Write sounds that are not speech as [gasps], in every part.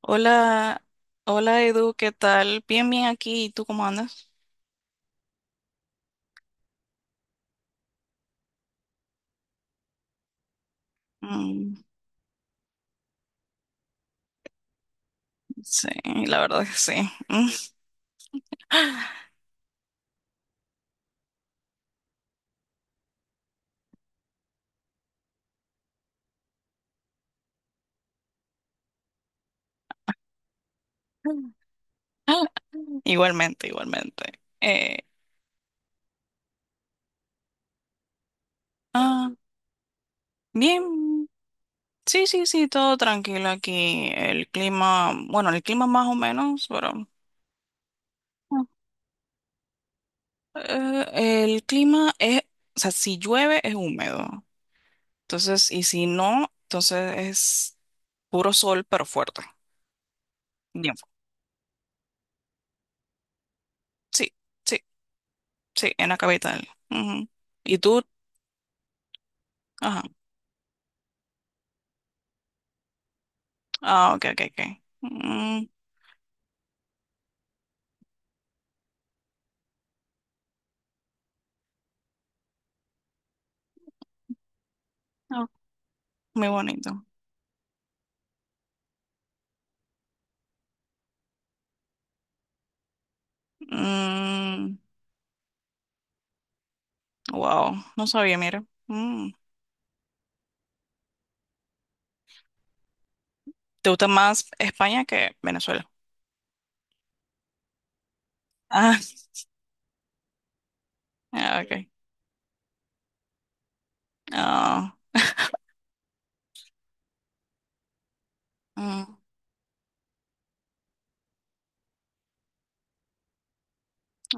Hola, hola Edu, ¿qué tal? Bien, bien aquí. ¿Y tú cómo andas? Mm, sí, la verdad que sí. Mm. [laughs] Igualmente, igualmente. Ah, bien, sí, todo tranquilo aquí. El clima, bueno, el clima más o menos, pero ah, el clima es, o sea, si llueve es húmedo. Entonces, y si no, entonces es puro sol, pero fuerte. Bien, sí. Sí. Sí, en la capital. Ujú. ¿Y tú? Ajá. Ah, ok. Mm, ah, muy bonito. Mm, wow, no sabía, mira. Mm. ¿Te gusta más España que Venezuela? [laughs] Ah, ah, ok. Ah, mm,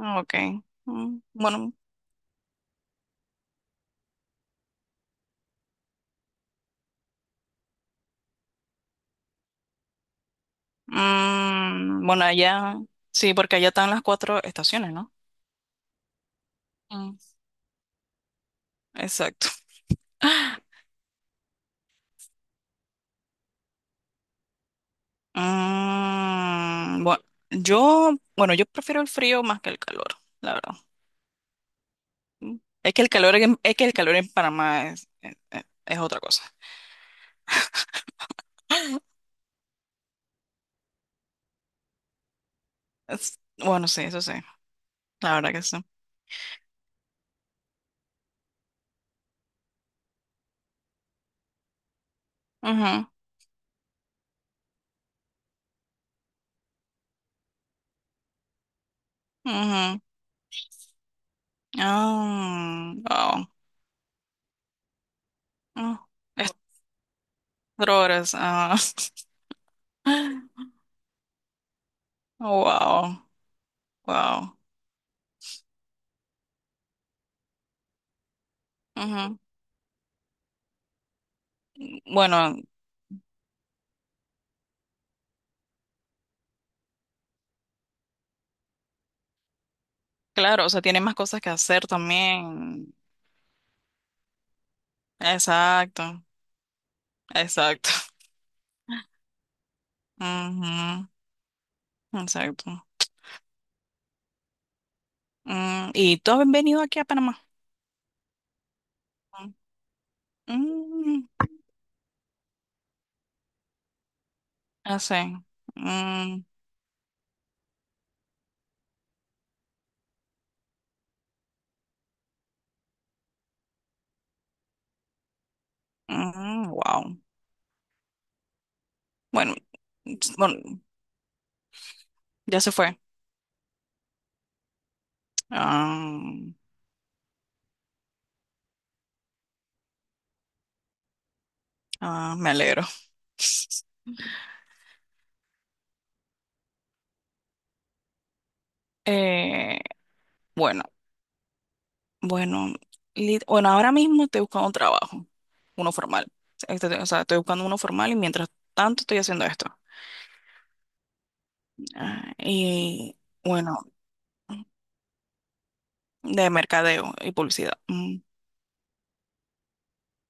ah, ok. Mm, bueno, mm, bueno, allá, sí, porque allá están las cuatro estaciones, ¿no? Mm, exacto. [laughs] Mm, bueno, yo, bueno, yo prefiero el frío más que el calor, la verdad. Es que el calor en, es que el calor en Panamá es otra cosa. Bueno, sí, eso sí, la verdad que sí. Ujú, ujú. Ah, wow. Ah, es cuatro horas. Ah. [laughs] Wow, wow. Ujú. Bueno, claro, o sea, tiene más cosas que hacer también. Exacto, exacto. Ujú, exacto. Mm, ¿y tú has venido aquí a Panamá? Mm, así. Mm, wow. Bueno, bueno, ya se fue. Ah, ah, me alegro. [laughs] Eh, bueno, bueno, bueno, ahora mismo estoy buscando un trabajo, uno formal. O sea, estoy buscando uno formal y mientras tanto estoy haciendo esto. Ah, y bueno, de mercadeo y publicidad. Mm,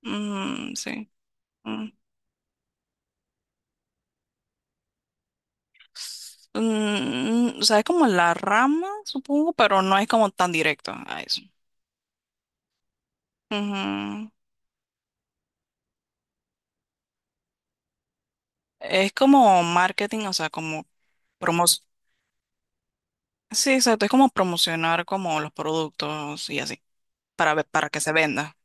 mm, sí. Mm. Mm, o sea, es como la rama, supongo, pero no es como tan directo a eso. Es como marketing, o sea, como promos. Sí, exacto, es como promocionar como los productos y así, para que se venda.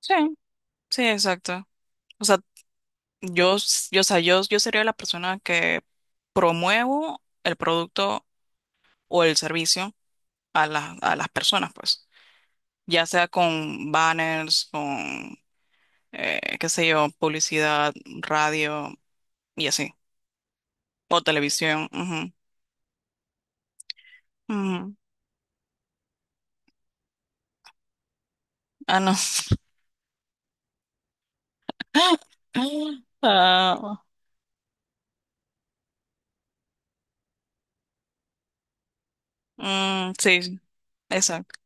Sí, sí, exacto. O sea, yo, s- yo, o sea, yo sería la persona que promuevo el producto o el servicio a las personas, pues. Ya sea con banners, con, qué sé yo, publicidad, radio y así. O televisión. Ujú, ujú. Ah, no. [laughs] Ah, mm, sí, sí, exacto.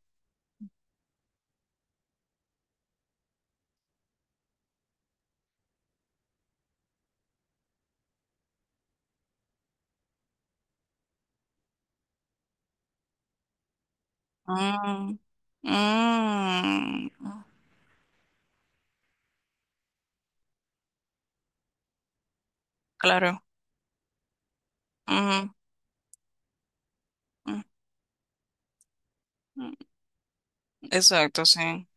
Mm, mm, claro. Ujú, ujú, ujú. Exacto, sí.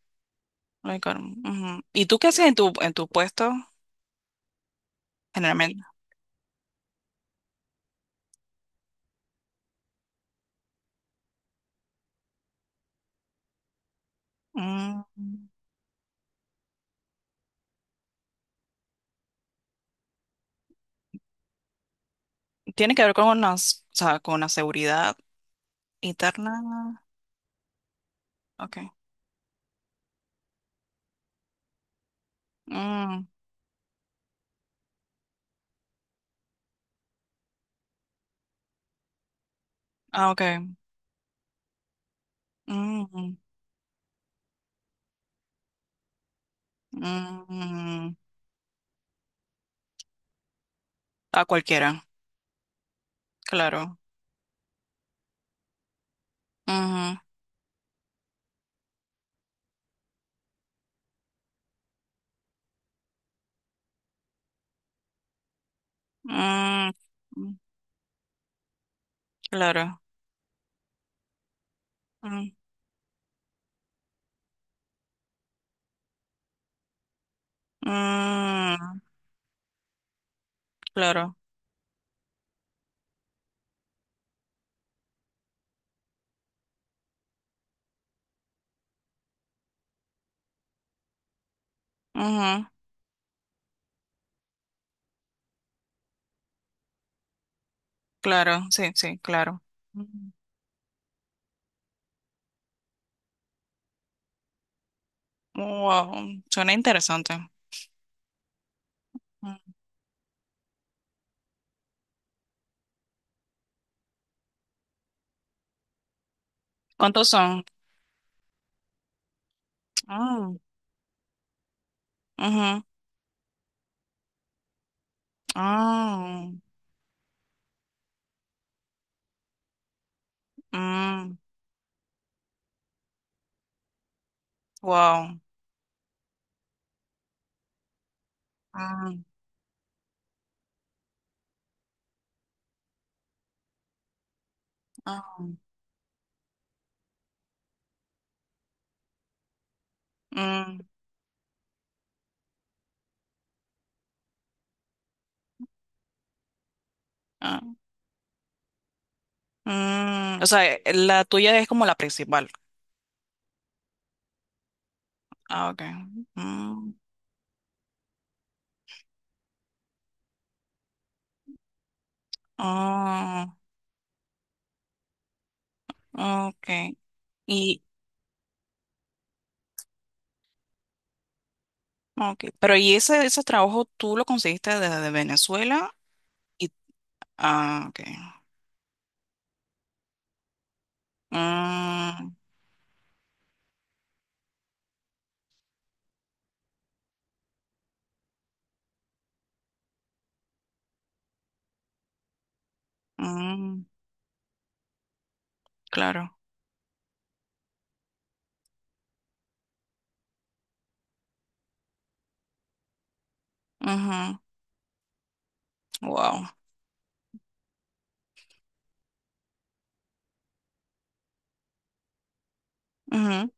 Ay, Carmen, ujú. ¿Y tú qué haces en tu puesto generalmente? Mm, tiene que ver con una, o sea, con la seguridad interna. Okay. Mm, ah, okay. Mm, mm, a cualquiera, claro. Ujú, mm, claro. Mm, mm, claro. Claro, sí, sí, claro. Mm. Wow, suena interesante. Mm. ¿Cuántos son? Ah, ujú. Ah, mm, wow. Mm, ah, mm, ah, mm. O sea, la tuya es como la principal. Ah, okay. Mm, ah, okay. Y, okay. Pero ¿y ese trabajo tú lo conseguiste desde Venezuela? Y, ah, okay. Mm, mm, claro. Wow. Ujú.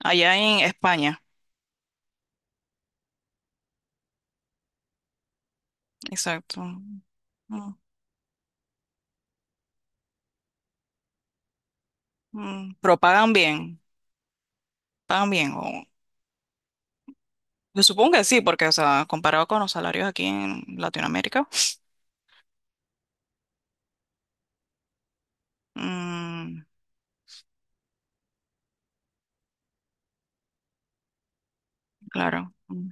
Allá en España, exacto. Mm, mm. Pero pagan bien, pagan bien. Yo supongo que sí, porque, o sea, comparado con los salarios aquí en Latinoamérica, mm, claro, mm,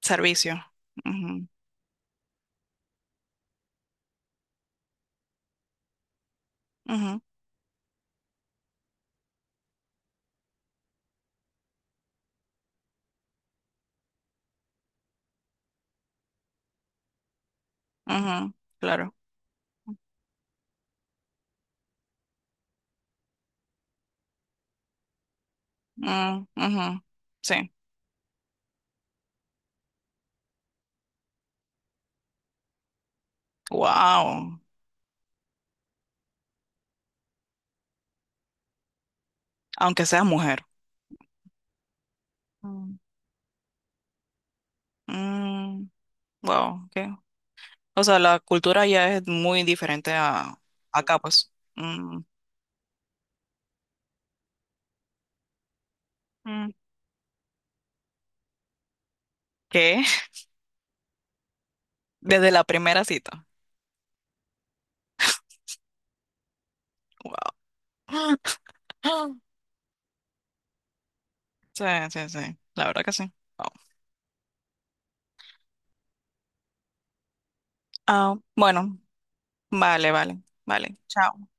servicio. Ujú, ujú, ujú, claro. Mm, ujú, sí. Wow. Aunque seas mujer. Mm. Mm, wow, o sea, la cultura ya es muy diferente a acá, pues. Mm, mm. ¿Qué? Desde la primera cita. Wow. [gasps] [laughs] Sí, sí, sí. La verdad que sí. Wow. Ah, bueno, vale. Chao.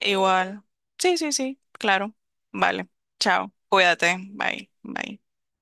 Igual. Sí, sí, sí, claro. Vale. Chao. Cuídate. Bye, bye.